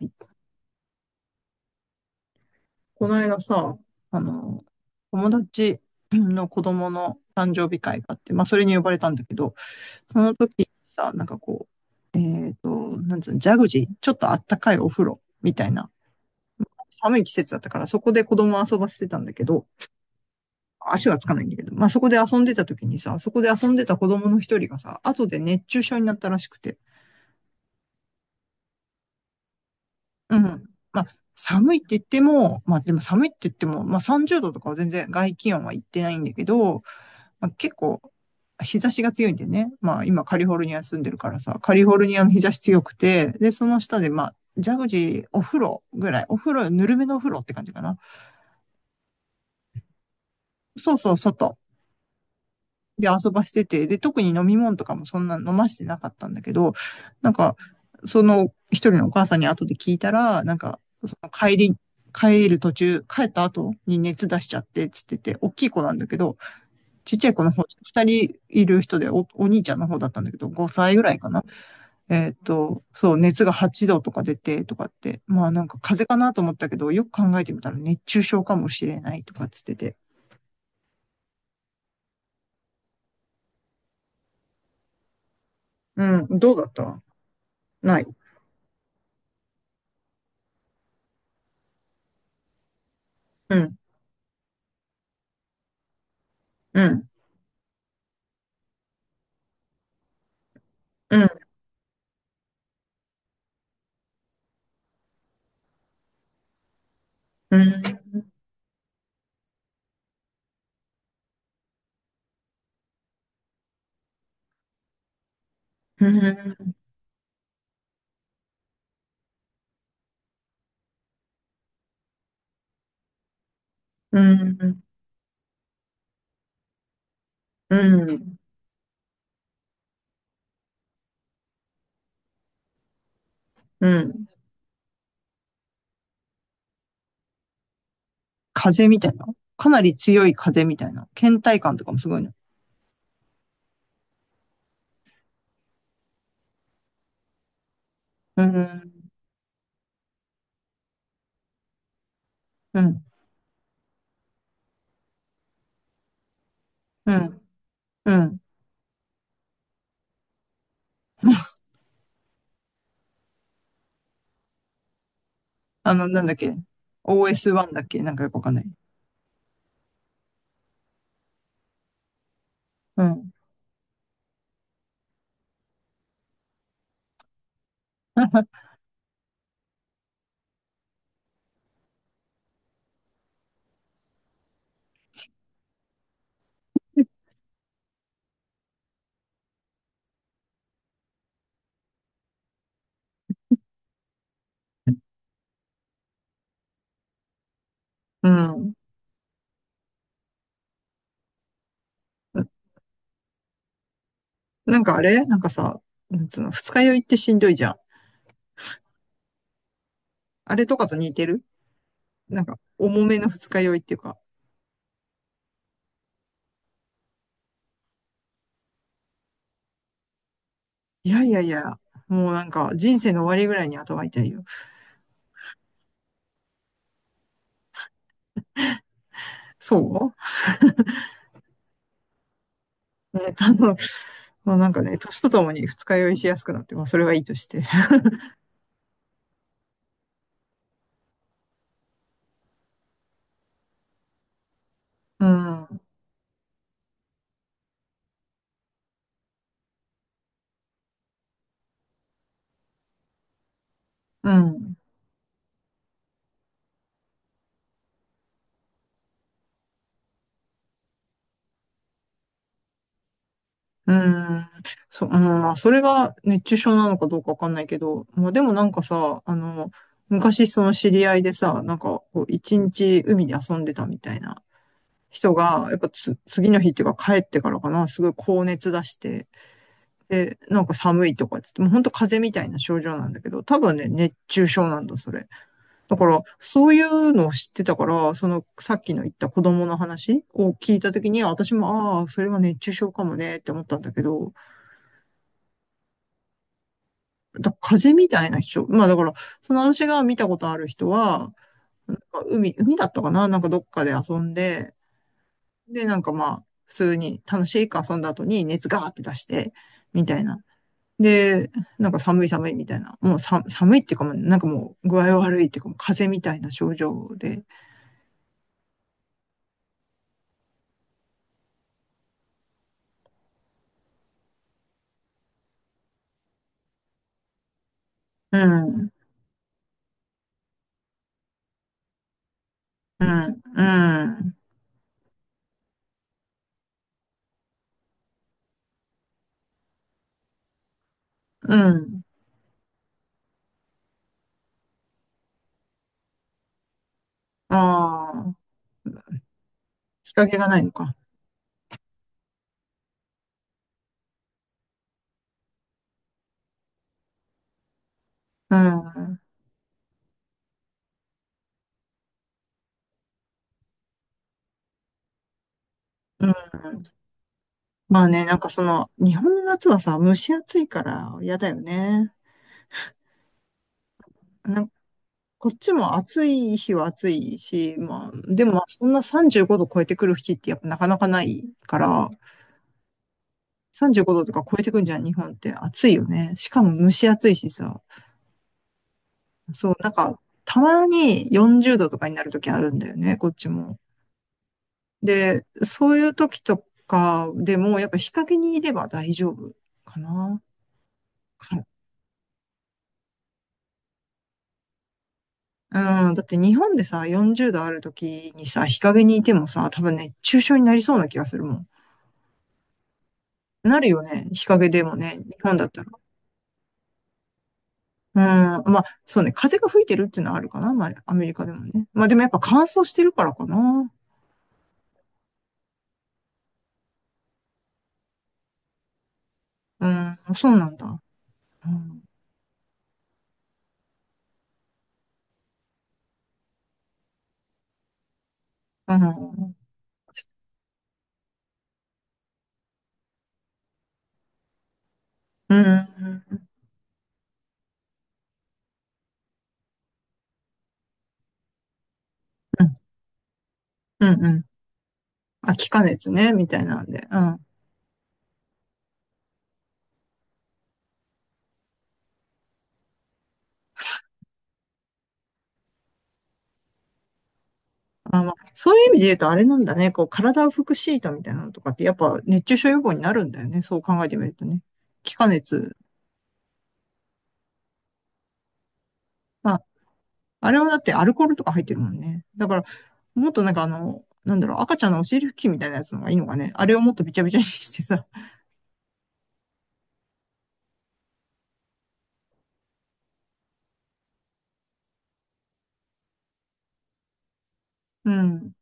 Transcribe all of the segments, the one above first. はい。この間さ、あの、友達の子供の誕生日会があって、まあ、それに呼ばれたんだけど、その時にさ、なんかこう、なんつうの、ジャグジー、ちょっとあったかいお風呂みたいな、寒い季節だったから、そこで子供を遊ばせてたんだけど、足はつかないんだけど、まあ、そこで遊んでた時にさ、そこで遊んでた子供の一人がさ、後で熱中症になったらしくて。うん。まあ、寒いって言っても、まあ、でも寒いって言っても、まあ、30度とかは全然外気温は行ってないんだけど、まあ、結構、日差しが強いんでね。まあ今カリフォルニア住んでるからさ、カリフォルニアの日差し強くて、で、その下でまあ、ジャグジーお風呂ぐらい、お風呂、ぬるめのお風呂って感じかな。そうそう、外で遊ばしてて、で、特に飲み物とかもそんな飲ましてなかったんだけど、なんか、その一人のお母さんに後で聞いたら、なんか、その帰り、帰る途中、帰った後に熱出しちゃって、つってて、大きい子なんだけど、ちっちゃい子の方、二人いる人でお兄ちゃんの方だったんだけど、5歳ぐらいかな。そう、熱が8度とか出てとかって、まあなんか風邪かなと思ったけど、よく考えてみたら熱中症かもしれないとかっつってて。うん、どうだった。ない。うん、うん、うん、うん、うん、うん、うん。風邪みたいな。かなり強い風邪みたいな。倦怠感とかもすごいね。うん、うん、うん、うん。なんだっけ ?OS1 だっけなんかよくわかんない。うん。うん。なんかあれなんかさ、なんつうの、二日酔いってしんどいじゃん。あれとかと似てる。なんか、重めの二日酔いっていうか。いやいやいや、もうなんか、人生の終わりぐらいに頭痛いよ。そうもうなんかね、年とともに二日酔いしやすくなって、まあ、それはいいとして。うん、うん、うん。うん、まあ、それが熱中症なのかどうかわかんないけど、まあ、でもなんかさ、昔その知り合いでさ、なんかこう一日海で遊んでたみたいな人が、やっぱつ、次の日っていうか帰ってからかな、すごい高熱出して、で、なんか寒いとかっつって、もう本当風邪みたいな症状なんだけど、多分ね、熱中症なんだ、それ。だから、そういうのを知ってたから、その、さっきの言った子供の話を聞いたときに、私も、ああ、それは熱中症かもね、って思ったんだけど、だ風邪みたいな人、まあだから、その私が見たことある人は、なんか海だったかななんかどっかで遊んで、で、なんかまあ、普通に楽しいく遊んだ後に熱ガーって出して、みたいな。で、なんか寒い寒いみたいな。もうさ寒いっていうかもなんかもう具合悪いっていうかもう風邪みたいな症状で。うん、うん、うん、うん。ああ、日陰がないのか。うん、うん。まあね、なんかその、日本の夏はさ、蒸し暑いから嫌だよね。こっちも暑い日は暑いし、まあ、でもまあそんな35度超えてくる日ってやっぱなかなかないから、35度とか超えてくんじゃん、日本って暑いよね。しかも蒸し暑いしさ。そう、なんか、たまに40度とかになる時あるんだよね、こっちも。で、そういう時とかでもやっぱ日陰にいれば大丈夫かな。はい。うん、だって日本でさ、40度ある時にさ、日陰にいてもさ、多分ね、熱中症になりそうな気がするもん。なるよね。日陰でもね、日本だったら。うん。まあ、そうね。風が吹いてるっていうのはあるかな。まあ、アメリカでもね。まあ、でもやっぱ乾燥してるからかな。うん。そうなんだ。うん。うん。うん。うん。うん。うん。あ、気化熱ね、みたいなんで。うん。あ、まあ、そういう意味で言うとあれなんだね。こう、体を拭くシートみたいなのとかって、やっぱ熱中症予防になるんだよね。そう考えてみるとね。気化熱。まあ、あれはだってアルコールとか入ってるもんね。だから、もっとなんかなんだろう、赤ちゃんのお尻拭きみたいなやつの方がいいのかね。あれをもっとびちゃびちゃにしてさ。うん。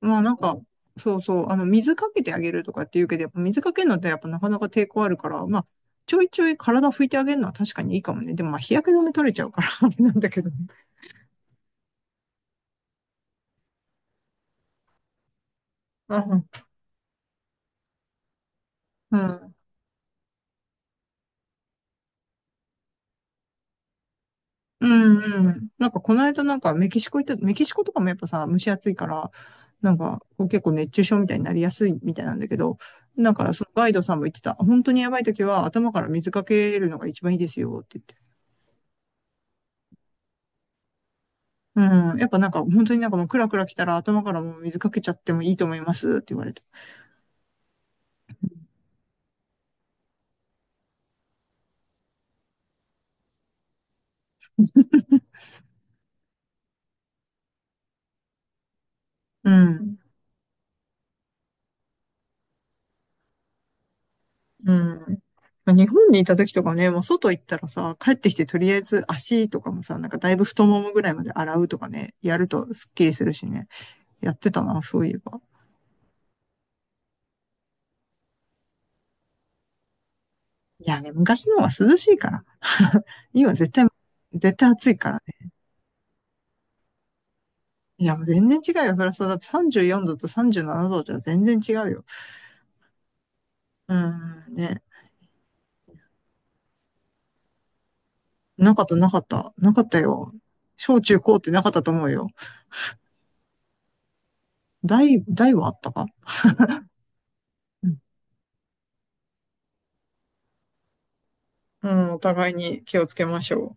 まあなんか、そうそう、水かけてあげるとかって言うけど、やっぱ水かけるのってやっぱなかなか抵抗あるから、まあ、ちょいちょい体拭いてあげるのは確かにいいかもね。でもまあ日焼け止め取れちゃうから あれなんだけどね。うん。うんうんうん。なんかこの間なんかメキシコ行った、メキシコとかもやっぱさ、蒸し暑いから、なんかこう結構熱中症みたいになりやすいみたいなんだけど、なんかそのガイドさんも言ってた、本当にやばい時は頭から水かけるのが一番いいですよって言って。うん。やっぱなんか本当になんかもうクラクラ来たら頭からもう水かけちゃってもいいと思いますって言われた。うん。うん。まあ日本にいた時とかね、もう外行ったらさ、帰ってきてとりあえず足とかもさ、なんかだいぶ太ももぐらいまで洗うとかね、やるとスッキリするしね。やってたな、そういえば。いやね、昔の方が涼しいから。今絶対、絶対暑いからね。いや、もう全然違うよ。そりゃそうだって34度と37度じゅうななどじゃ全然違うよ。うーん、ね。なかった、なかった。なかったよ。小中高ってなかったと思うよ。大はあったか。うん、お互いに気をつけましょう。